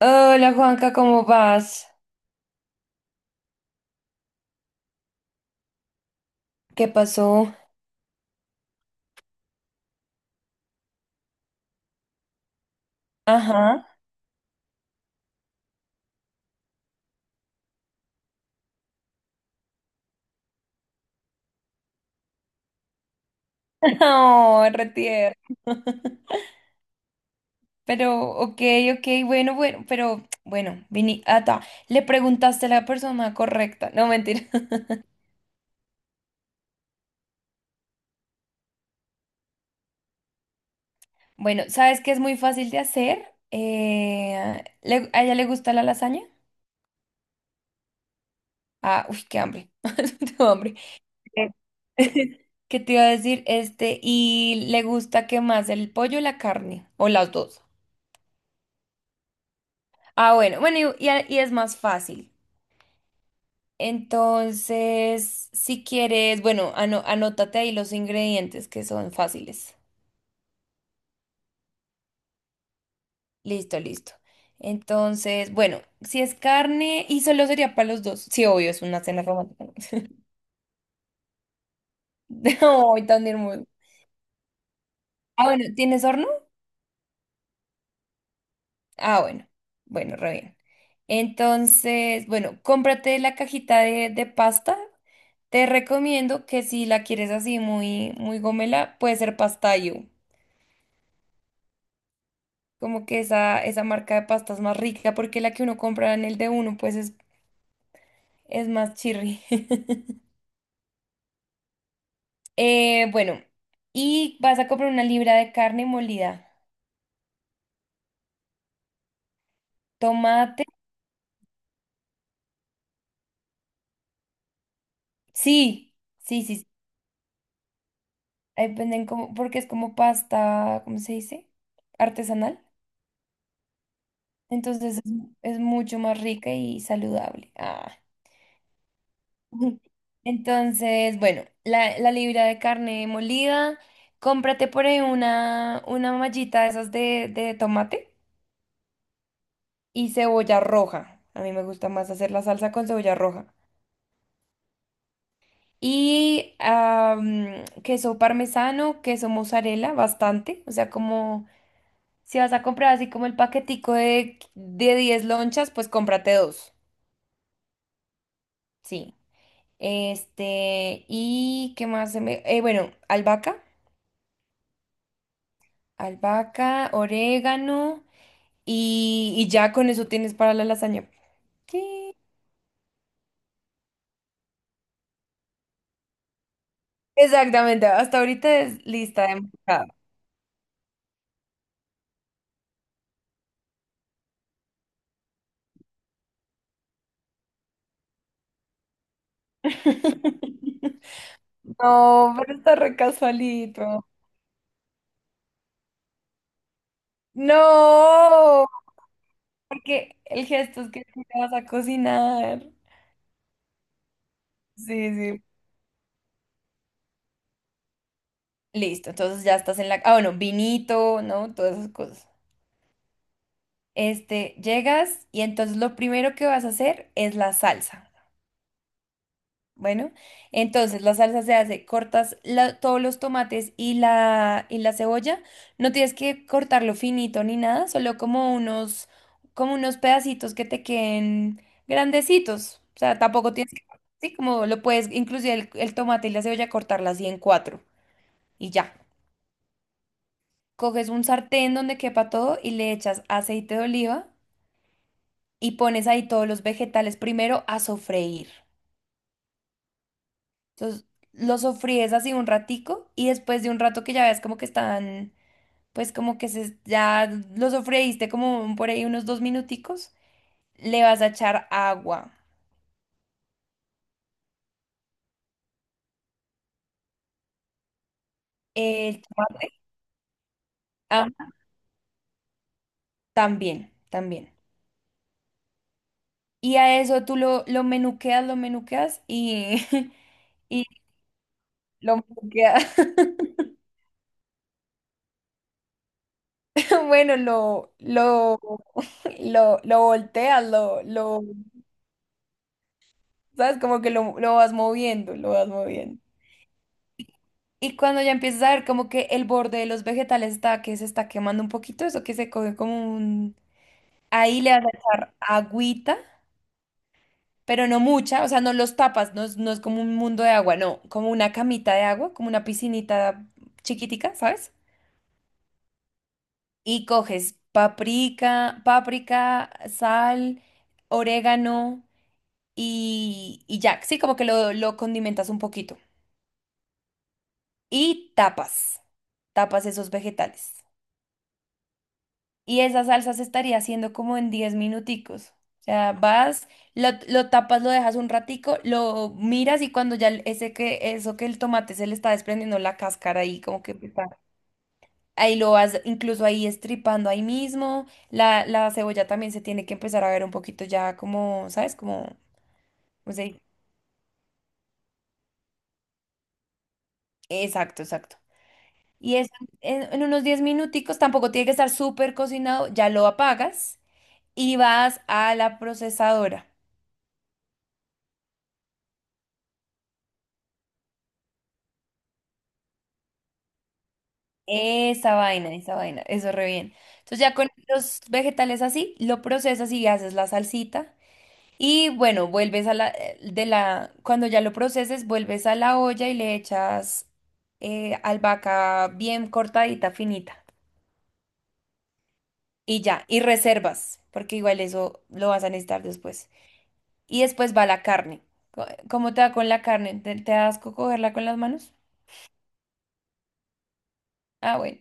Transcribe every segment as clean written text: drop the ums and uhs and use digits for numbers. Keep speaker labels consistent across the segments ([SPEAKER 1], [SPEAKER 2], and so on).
[SPEAKER 1] Hola Juanca, ¿cómo vas? ¿Qué pasó? Ajá. No, retier. Pero, ok, ok, bueno, bueno, pero, bueno, vini, ata, le preguntaste a la persona correcta. No, mentira. Bueno, ¿sabes qué es muy fácil de hacer? ¿A ella le gusta la lasaña? Ah, uy, qué hambre. Tengo hambre. Eh, ¿Qué te iba a decir? Este, ¿y le gusta qué más? ¿El pollo o la carne? ¿O las dos? Ah, bueno, bueno, y es más fácil. Entonces, si quieres, bueno, anótate ahí los ingredientes que son fáciles. Listo, listo. Entonces, bueno, si es carne y solo sería para los dos. Sí, obvio, es una cena romántica, ¿no? No, tan hermoso. Ah, bueno, ¿tienes horno? Ah, bueno. Bueno, re bien. Entonces, bueno, cómprate la cajita de pasta. Te recomiendo que si la quieres así muy, muy gomela, puede ser pastayo. Como que esa marca de pasta es más rica porque la que uno compra en el de uno pues es más chirri. Bueno, y vas a comprar 1 libra de carne molida. Tomate. Sí, sí, sí, sí. Ahí venden como, porque es como pasta, ¿cómo se dice? Artesanal. Entonces es, ujú, es mucho más rica y saludable. Ah. Ujú. Entonces, bueno, la libra de carne molida. Cómprate por ahí una mallita de esas de tomate. Y cebolla roja. A mí me gusta más hacer la salsa con cebolla roja. Y queso parmesano, queso mozzarella, bastante. O sea, como si vas a comprar así como el paquetico de 10 lonchas, pues cómprate dos. Sí. Este, ¿y qué más se me...? Bueno, albahaca, albahaca, orégano y ya con eso tienes para la lasaña. Sí. Exactamente, hasta ahorita es lista de mercado. No, pero está re casualito. No, porque el gesto es que tú te vas a cocinar. Sí, sí. Listo, entonces ya estás en la... Ah, bueno, vinito, ¿no? Todas esas cosas. Este, llegas y entonces lo primero que vas a hacer es la salsa. Bueno, entonces la salsa se hace, cortas todos los tomates y la cebolla. No tienes que cortarlo finito ni nada, solo como unos pedacitos que te queden grandecitos. O sea, tampoco tienes que, sí, como lo puedes, inclusive el tomate y la cebolla, cortarla así en cuatro y ya. Coges un sartén donde quepa todo y le echas aceite de oliva y pones ahí todos los vegetales primero a sofreír. Entonces lo sofríes así un ratico y después de un rato que ya ves como que están, pues como que se, ya lo sofreíste como por ahí unos 2 minuticos, le vas a echar agua. El tomate, ah, también, también. Y a eso tú lo menuqueas, lo menuqueas y, y lo menuqueas. Bueno, lo volteas, ¿sabes? Como que lo vas moviendo, lo vas moviendo. Y cuando ya empiezas a ver como que el borde de los vegetales está, que se está quemando un poquito, eso que se coge como un... Ahí le vas a echar agüita, pero no mucha, o sea, no los tapas, no es, no es como un mundo de agua, no, como una camita de agua, como una piscinita chiquitica, ¿sabes? Y coges paprika, páprica, sal, orégano y ya, sí, como que lo condimentas un poquito. Y tapas, tapas esos vegetales. Y esa salsa se estaría haciendo como en 10 minuticos. O sea, vas, lo tapas, lo dejas un ratico, lo miras y cuando ya ese que, eso que el tomate se le está desprendiendo la cáscara ahí, como que está... Ahí lo vas incluso ahí estripando ahí mismo. La cebolla también se tiene que empezar a ver un poquito ya como, ¿sabes? Como, no sé, exacto, exacto. Y eso en unos 10 minuticos, tampoco tiene que estar súper cocinado, ya lo apagas y vas a la procesadora. Esa vaina, eso re bien. Entonces ya con los vegetales así, lo procesas y haces la salsita. Y bueno, vuelves a la, de la, cuando ya lo proceses, vuelves a la olla y le echas albahaca bien cortadita, finita. Y ya, y reservas, porque igual eso lo vas a necesitar después. Y después va la carne. ¿Cómo te va con la carne? ¿Te da asco cogerla con las manos? Ah, bueno.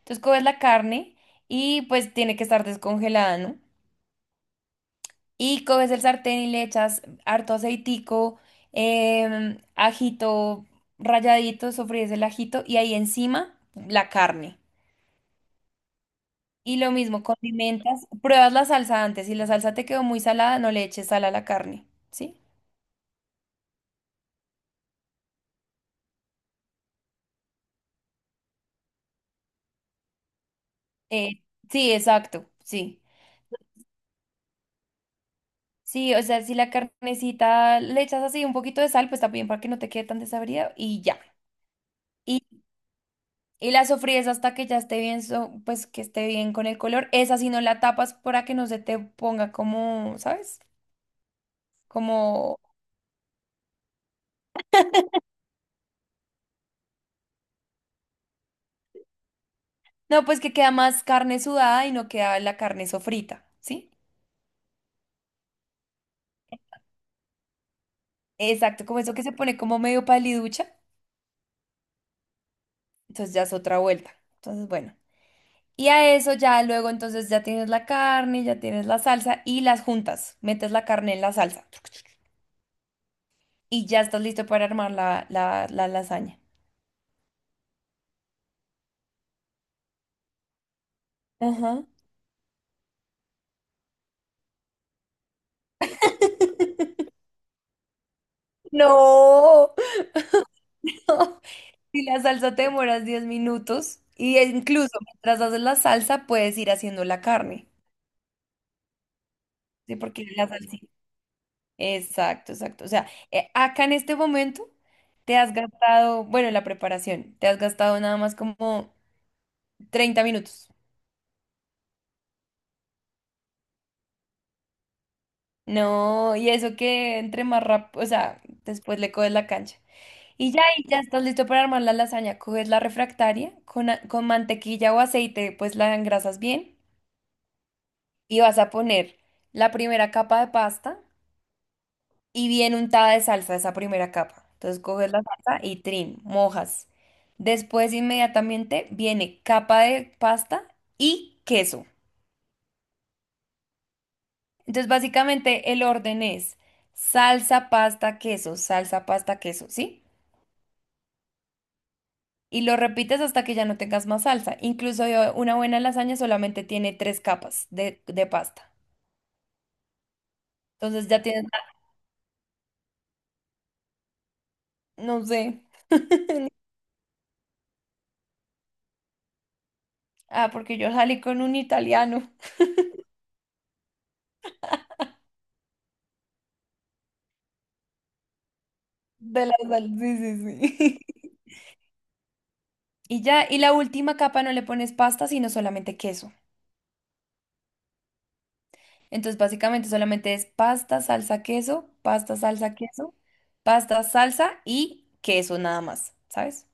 [SPEAKER 1] Entonces coges la carne y pues tiene que estar descongelada, ¿no? Y coges el sartén y le echas harto aceitico, ajito ralladito, sofríes el ajito y ahí encima la carne. Y lo mismo, condimentas, pruebas la salsa antes. Si la salsa te quedó muy salada, no le eches sal a la carne, ¿sí? Eh, sí, exacto, sí. Sí, o sea, si la carnecita le echas así un poquito de sal, pues está bien para que no te quede tan desabrida y ya. Y la sofríes hasta que ya esté bien, pues que esté bien con el color. Esa si no la tapas para que no se te ponga como, ¿sabes? Como, no, pues que queda más carne sudada y no queda la carne sofrita, ¿sí? Exacto, como eso que se pone como medio paliducha. Entonces ya es otra vuelta. Entonces, bueno. Y a eso ya luego entonces ya tienes la carne, ya tienes la salsa y las juntas. Metes la carne en la salsa y ya estás listo para armar la lasaña. Ajá. No. Si la salsa te demoras 10 minutos y e incluso mientras haces la salsa puedes ir haciendo la carne, ¿sí? Porque la salsita. Exacto, exacto. O sea, acá en este momento te has gastado, bueno, en la preparación, te has gastado nada más como 30 minutos. No, y eso que entre más rápido, o sea, después le coges la cancha. Y ya estás listo para armar la lasaña. Coges la refractaria con, con mantequilla o aceite, pues la engrasas bien y vas a poner la primera capa de pasta y bien untada de salsa esa primera capa. Entonces coges la salsa y trim, mojas. Después inmediatamente viene capa de pasta y queso. Entonces básicamente el orden es salsa, pasta, queso, ¿sí? Y lo repites hasta que ya no tengas más salsa. Incluso una buena lasaña solamente tiene tres capas de pasta. Entonces ya tienes, no sé. Ah, porque yo salí con un italiano de la salsa. Sí, sí, sí. Y ya, y la última capa no le pones pasta, sino solamente queso. Entonces, básicamente solamente es pasta, salsa, queso, pasta, salsa, queso, pasta, salsa y queso nada más, ¿sabes?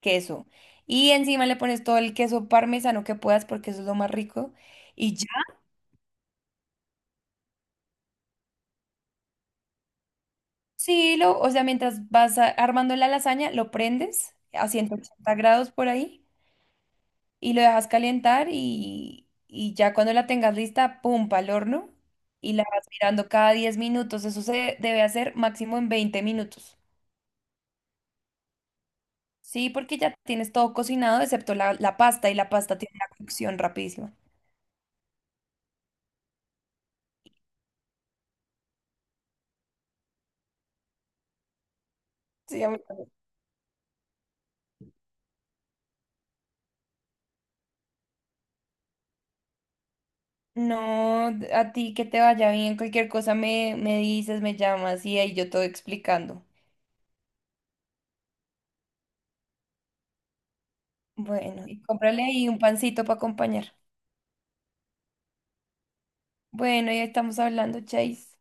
[SPEAKER 1] Queso. Y encima le pones todo el queso parmesano que puedas porque eso es lo más rico. Y ya, sí, lo, o sea, mientras vas armando la lasaña, lo prendes a 180 grados por ahí y lo dejas calentar y ya cuando la tengas lista, pum, al horno y la vas mirando cada 10 minutos. Eso se debe hacer máximo en 20 minutos. Sí, porque ya tienes todo cocinado excepto la pasta y la pasta tiene una cocción rapidísima. Sí, a mí... No, a ti que te vaya bien, cualquier cosa me dices, me llamas y ahí yo te voy explicando. Bueno, y cómprale ahí un pancito para acompañar. Bueno, ya estamos hablando, Chase.